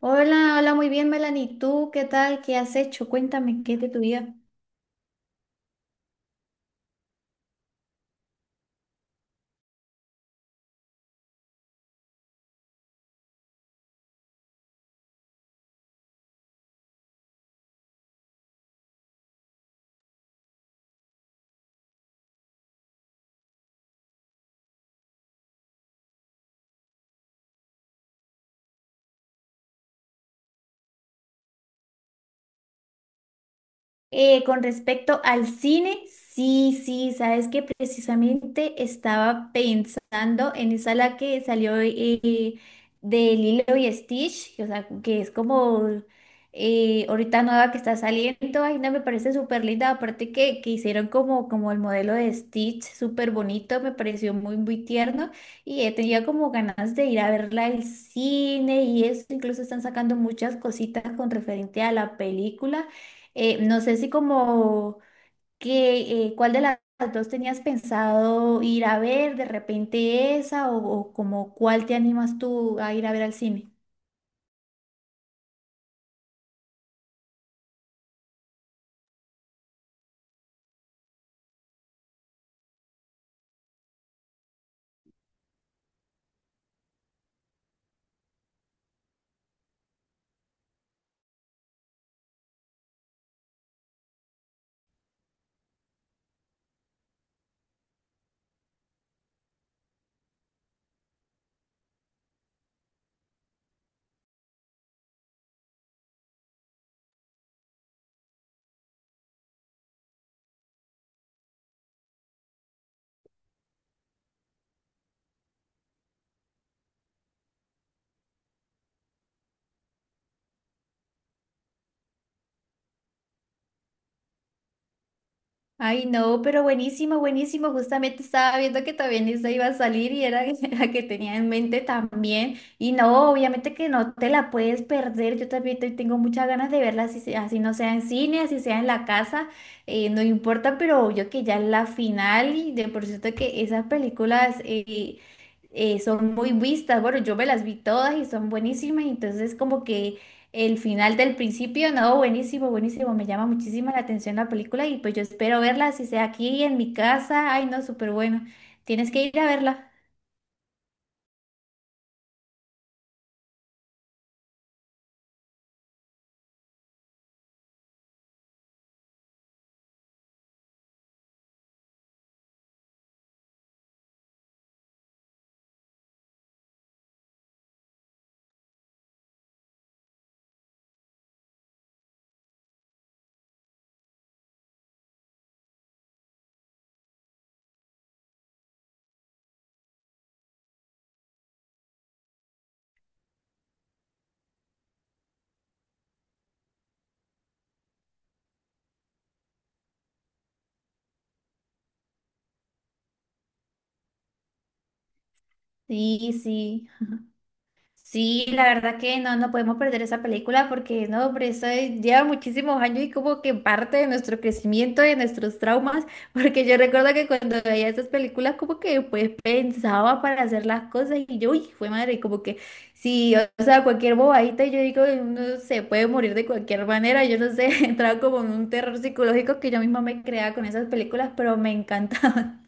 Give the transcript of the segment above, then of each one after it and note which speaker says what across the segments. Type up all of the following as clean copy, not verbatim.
Speaker 1: Hola, hola, muy bien, Melanie. ¿Tú qué tal? ¿Qué has hecho? Cuéntame, ¿qué es de tu vida? Con respecto al cine, sí, sí, sabes que precisamente estaba pensando en esa la que salió de Lilo y Stitch, o sea, que es como ahorita nueva que está saliendo, ay, no, me parece súper linda, aparte que hicieron como, como el modelo de Stitch, súper bonito, me pareció muy, muy tierno y he tenido como ganas de ir a verla al cine y eso, incluso están sacando muchas cositas con referente a la película. No sé si como que cuál de las dos tenías pensado ir a ver, de repente esa, o como cuál te animas tú a ir a ver al cine. Ay, no, pero buenísimo, buenísimo. Justamente estaba viendo que también esa iba a salir y era la que tenía en mente también. Y no, obviamente que no te la puedes perder. Yo también tengo muchas ganas de verla, así, así no sea en cine, así sea en la casa, no importa, pero yo que ya es la final y de por cierto que esas películas son muy vistas. Bueno, yo me las vi todas y son buenísimas, entonces como que... El final del principio, no, buenísimo, buenísimo, me llama muchísimo la atención la película y pues yo espero verla, si sea aquí en mi casa, ay no, súper bueno, tienes que ir a verla. Sí, sí. Sí, la verdad que no, no podemos perder esa película porque no, hombre, lleva muchísimos años y como que parte de nuestro crecimiento, de nuestros traumas, porque yo recuerdo que cuando veía esas películas como que pues pensaba para hacer las cosas y yo, uy, fue madre, como que sí, o sea, cualquier bobadita, yo digo, uno se puede morir de cualquier manera, yo no sé, entraba como en un terror psicológico que yo misma me creaba con esas películas, pero me encantaba.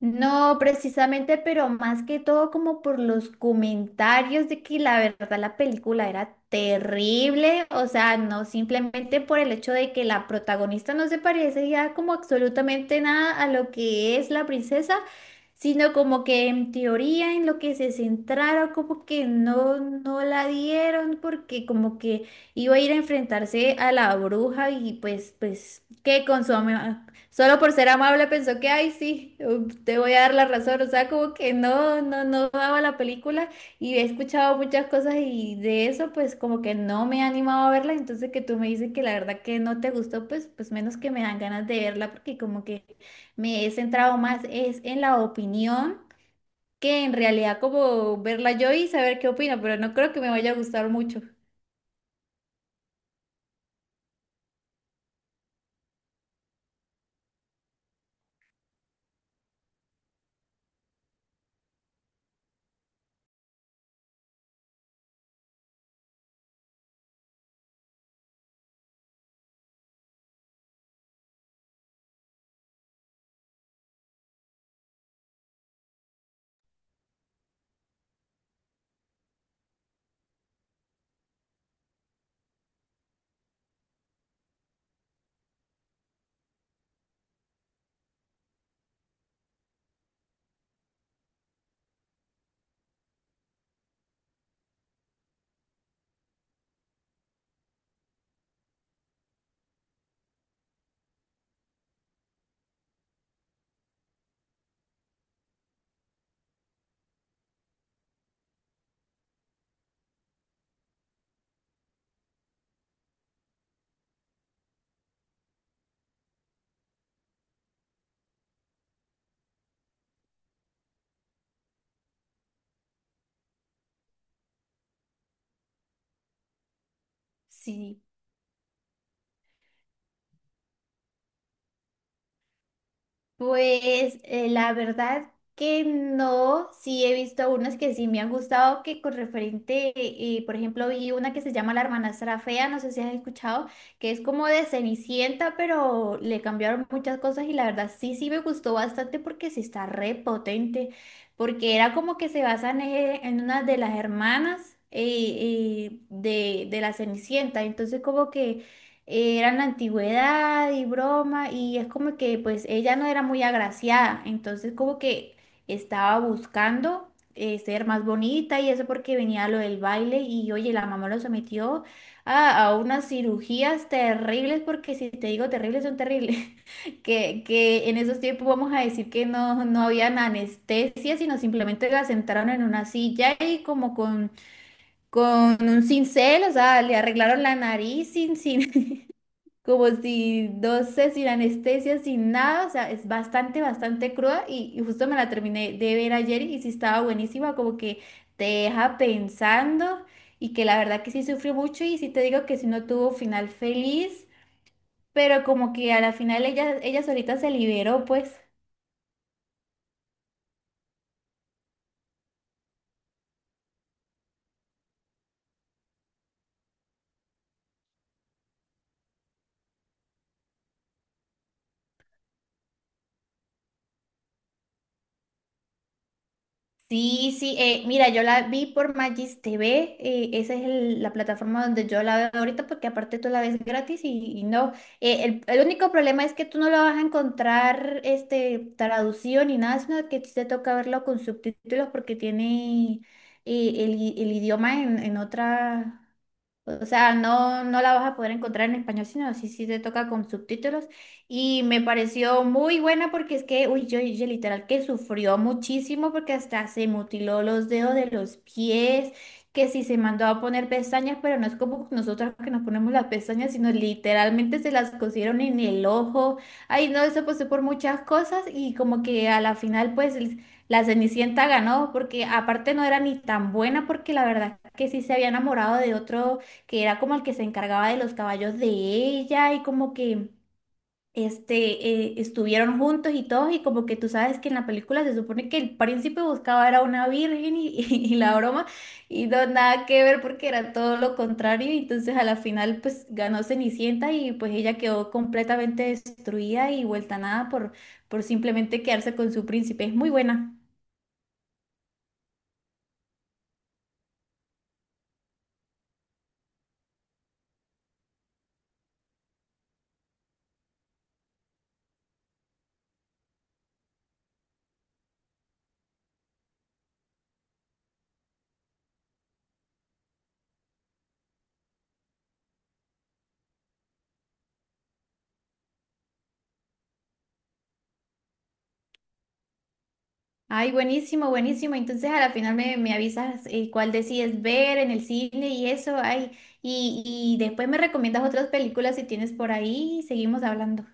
Speaker 1: No, precisamente, pero más que todo como por los comentarios de que la verdad la película era terrible, o sea, no simplemente por el hecho de que la protagonista no se parece ya como absolutamente nada a lo que es la princesa, sino como que en teoría en lo que se centraron como que no, no la dieron porque como que iba a ir a enfrentarse a la bruja y pues, pues, que con su, solo por ser amable pensó que, ay, sí, te voy a dar la razón. O sea, como que no, no, no daba la película y he escuchado muchas cosas y de eso, pues como que no me he animado a verla. Entonces que tú me dices que la verdad que no te gustó, pues, pues menos que me dan ganas de verla porque como que me he centrado más es en la opinión que en realidad como verla yo y saber qué opino, pero no creo que me vaya a gustar mucho. Sí. Pues la verdad que no, sí he visto unas que sí me han gustado, que con referente, por ejemplo, vi una que se llama La Hermanastra Fea, no sé si has escuchado, que es como de Cenicienta, pero le cambiaron muchas cosas y la verdad sí, sí me gustó bastante porque sí está re potente, porque era como que se basan en una de las hermanas de la Cenicienta, entonces como que... Era en la antigüedad y broma, y es como que pues ella no era muy agraciada, entonces como que estaba buscando ser más bonita y eso porque venía lo del baile y oye, la mamá lo sometió a unas cirugías terribles, porque si te digo terribles son terribles, que en esos tiempos vamos a decir que no, no habían anestesia, sino simplemente la sentaron en una silla y como con un cincel, o sea, le arreglaron la nariz sin, sin como si, no sé, sin anestesia, sin nada, o sea, es bastante, bastante cruda y justo me la terminé de ver ayer y sí estaba buenísima, como que te deja pensando y que la verdad que sí sufrió mucho y sí te digo que sí no tuvo final feliz, pero como que a la final ella, ella solita se liberó, pues. Sí, sí, mira, yo la vi por Magis TV, esa es la plataforma donde yo la veo ahorita porque aparte tú la ves gratis y no, el único problema es que tú no la vas a encontrar este, traducido ni nada, sino que sí te toca verlo con subtítulos porque tiene el idioma en otra, o sea, no, no la vas a poder encontrar en español, sino sí, sí te toca con subtítulos. Y me pareció muy buena porque es que, uy, yo literal que sufrió muchísimo porque hasta se mutiló los dedos de los pies, que sí se mandó a poner pestañas, pero no es como nosotras que nos ponemos las pestañas, sino literalmente se las cosieron en el ojo. Ay, no, eso pasó por muchas cosas y como que a la final, pues... La Cenicienta ganó porque aparte no era ni tan buena porque la verdad que sí se había enamorado de otro que era como el que se encargaba de los caballos de ella y como que este, estuvieron juntos y todos y como que tú sabes que en la película se supone que el príncipe buscaba era una virgen y, y la broma y no nada que ver porque era todo lo contrario y entonces a la final pues ganó Cenicienta y pues ella quedó completamente destruida y vuelta a nada por, por simplemente quedarse con su príncipe. Es muy buena. Ay, buenísimo, buenísimo. Entonces a la final me, me avisas cuál decides ver en el cine y eso. Ay, y, y después me recomiendas otras películas si tienes por ahí y seguimos hablando.